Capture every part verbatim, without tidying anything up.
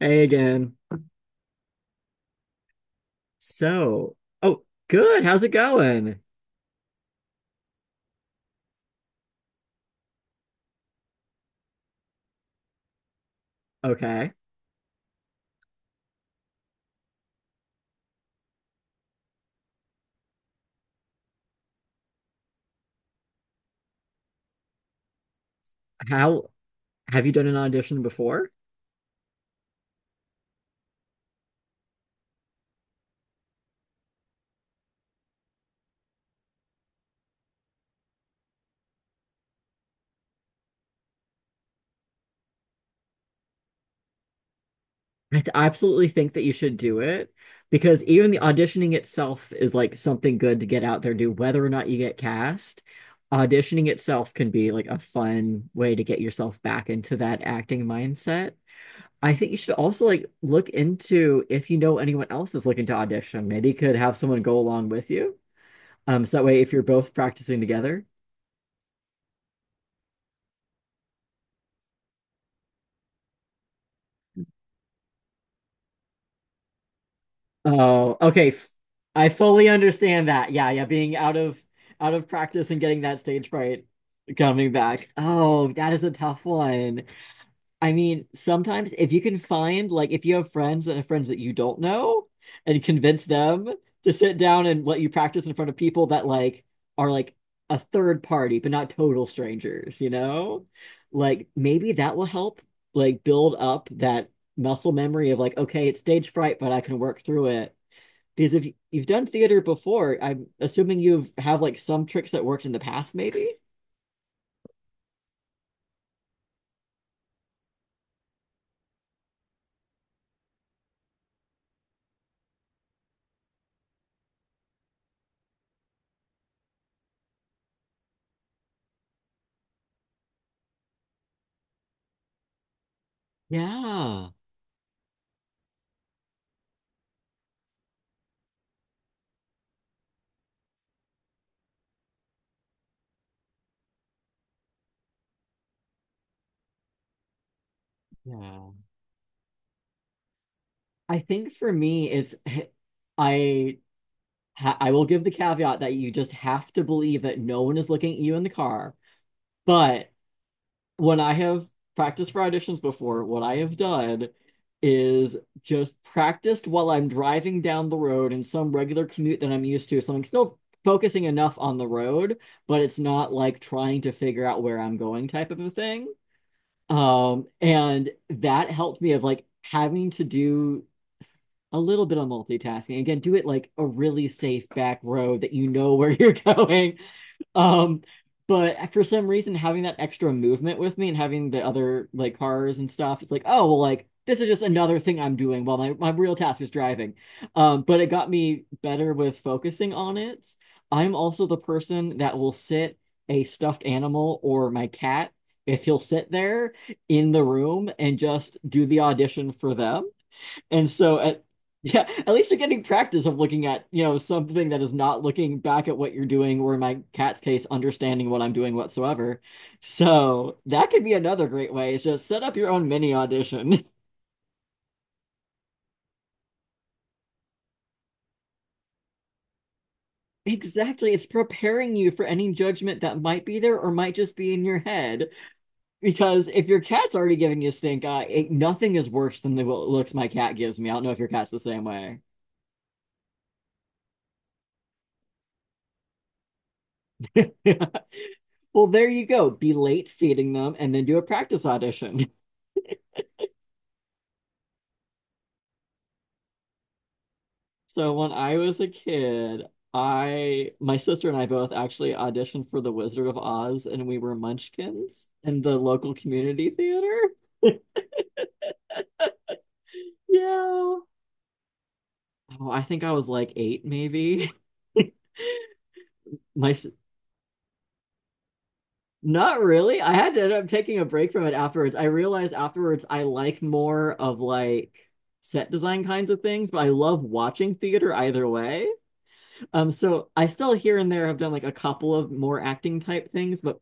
Hey again. So, oh, good. How's it going? Okay. How have you done an audition before? I th- I absolutely think that you should do it because even the auditioning itself is like something good to get out there and do, whether or not you get cast. Auditioning itself can be like a fun way to get yourself back into that acting mindset. I think you should also like look into if you know anyone else that's looking to audition. Maybe you could have someone go along with you. Um, so that way, if you're both practicing together. Oh, okay. f- I fully understand that. Yeah, yeah, being out of out of practice and getting that stage fright coming back. Oh, that is a tough one. I mean, sometimes if you can find like if you have friends and friends that you don't know and convince them to sit down and let you practice in front of people that like are like a third party but not total strangers, you know? Like maybe that will help like build up that muscle memory of like okay, it's stage fright, but I can work through it because if you've done theater before, I'm assuming you've have like some tricks that worked in the past, maybe? Yeah. Yeah. I think for me, it's I ha I will give the caveat that you just have to believe that no one is looking at you in the car. But when I have practiced for auditions before, what I have done is just practiced while I'm driving down the road in some regular commute that I'm used to. So I'm still focusing enough on the road, but it's not like trying to figure out where I'm going type of a thing. Um, and that helped me of like having to do a little bit of multitasking. Again, do it like a really safe back road that you know where you're going. Um, but for some reason, having that extra movement with me and having the other like cars and stuff, it's like, oh, well, like this is just another thing I'm doing while my, my real task is driving. Um, but it got me better with focusing on it. I'm also the person that will sit a stuffed animal or my cat if he'll sit there in the room and just do the audition for them and so at yeah, at least you're getting practice of looking at, you know, something that is not looking back at what you're doing, or in my cat's case, understanding what I'm doing whatsoever. So that could be another great way is just set up your own mini audition. Exactly. It's preparing you for any judgment that might be there or might just be in your head. Because if your cat's already giving you stink eye, it, nothing is worse than the looks my cat gives me. I don't know if your cat's the same way. Well, there you go. Be late feeding them and then do a practice audition. So when I was a kid, I my sister and I both actually auditioned for The Wizard of Oz and we were Munchkins in the local community theater. Yeah. Oh, I think I was like eight maybe. My s- not really. I had to end up taking a break from it afterwards. I realized afterwards I like more of like set design kinds of things, but I love watching theater either way. Um, so I still here and there have done like a couple of more acting type things, but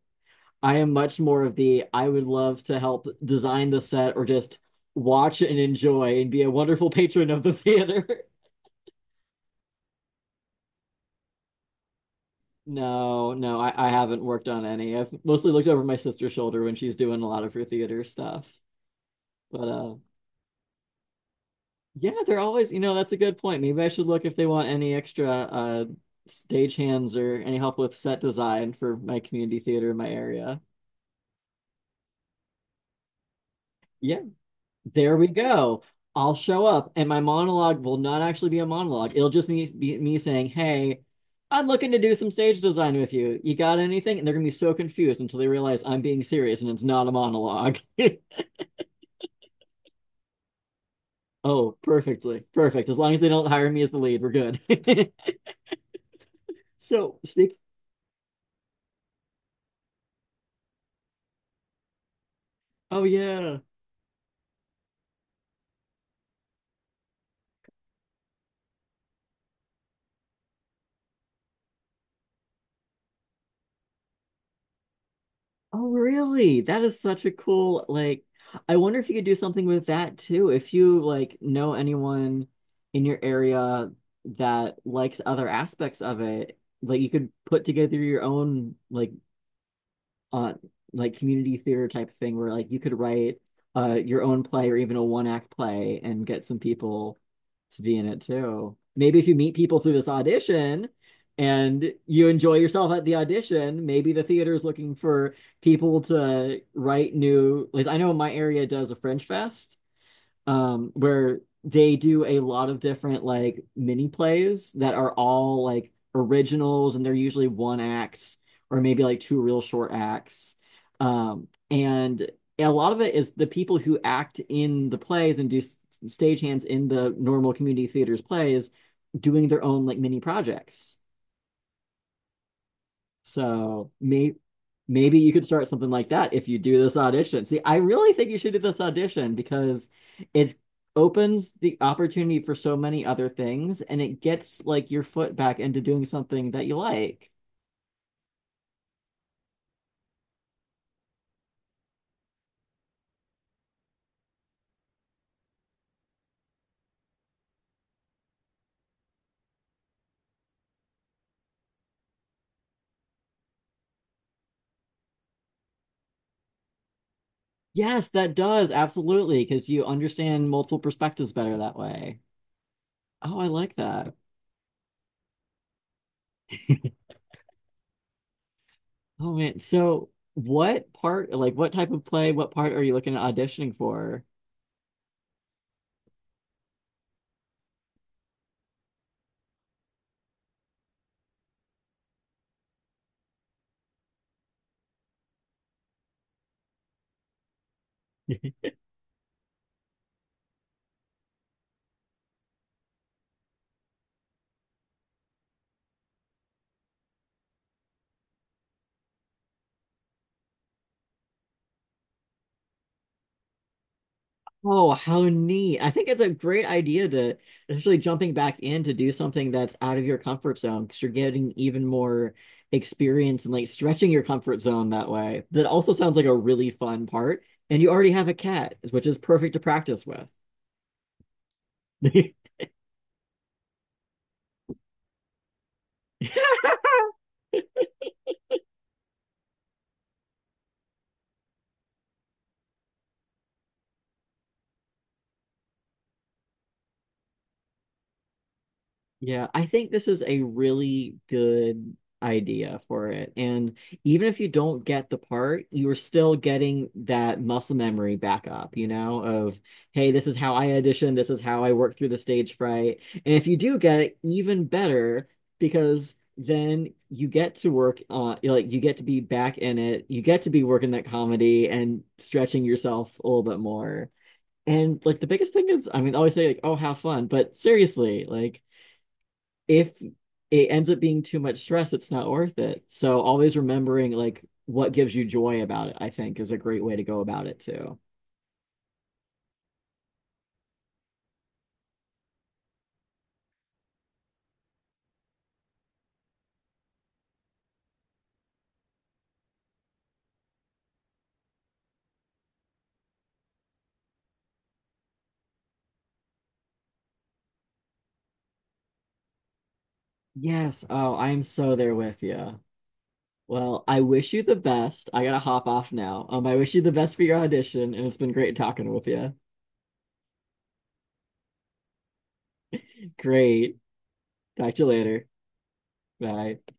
I am much more of the I would love to help design the set or just watch and enjoy and be a wonderful patron of the theater. No, no, I, I haven't worked on any. I've mostly looked over my sister's shoulder when she's doing a lot of her theater stuff. But uh yeah, they're always, you know, that's a good point. Maybe I should look if they want any extra uh stage hands or any help with set design for my community theater in my area. Yeah. There we go. I'll show up, and my monologue will not actually be a monologue. It'll just me, be me saying, "Hey, I'm looking to do some stage design with you. You got anything?" And they're gonna be so confused until they realize I'm being serious and it's not a monologue. Oh, perfectly. Perfect. As long as they don't hire me as the lead, we're good. So, speak. Oh, yeah. Oh, really? That is such a cool, like, I wonder if you could do something with that too. If you like know anyone in your area that likes other aspects of it, like you could put together your own like uh like community theater type thing where like you could write uh your own play or even a one act play and get some people to be in it too. Maybe if you meet people through this audition and you enjoy yourself at the audition, maybe the theater is looking for people to write new, like I know my area does a French fest um, where they do a lot of different like mini plays that are all like originals and they're usually one acts or maybe like two real short acts. Um, and a lot of it is the people who act in the plays and do s- stagehands in the normal community theaters plays doing their own like mini projects. So may maybe you could start something like that if you do this audition. See, I really think you should do this audition because it opens the opportunity for so many other things and it gets like your foot back into doing something that you like. Yes, that does, absolutely, because you understand multiple perspectives better that way. Oh, I like that. Oh man. So what part, like what type of play, what part are you looking at auditioning for? Oh, how neat. I think it's a great idea to, especially jumping back in to do something that's out of your comfort zone because you're getting even more experience and like stretching your comfort zone that way. That also sounds like a really fun part. And you already have a cat, which is perfect to practice with. Yeah, I think this is a really good idea for it. And even if you don't get the part, you're still getting that muscle memory back up, you know, of, hey, this is how I audition, this is how I work through the stage fright. And if you do get it, even better, because then you get to work on, like, you get to be back in it, you get to be working that comedy and stretching yourself a little bit more. And like the biggest thing is, I mean, I always say like, oh, have fun, but seriously, like if it ends up being too much stress, it's not worth it. So always remembering like what gives you joy about it, I think is a great way to go about it too. Yes. Oh, I'm so there with you. Well, I wish you the best. I gotta hop off now. Um, I wish you the best for your audition, and it's been great talking with you. Great. Talk to you later. Bye.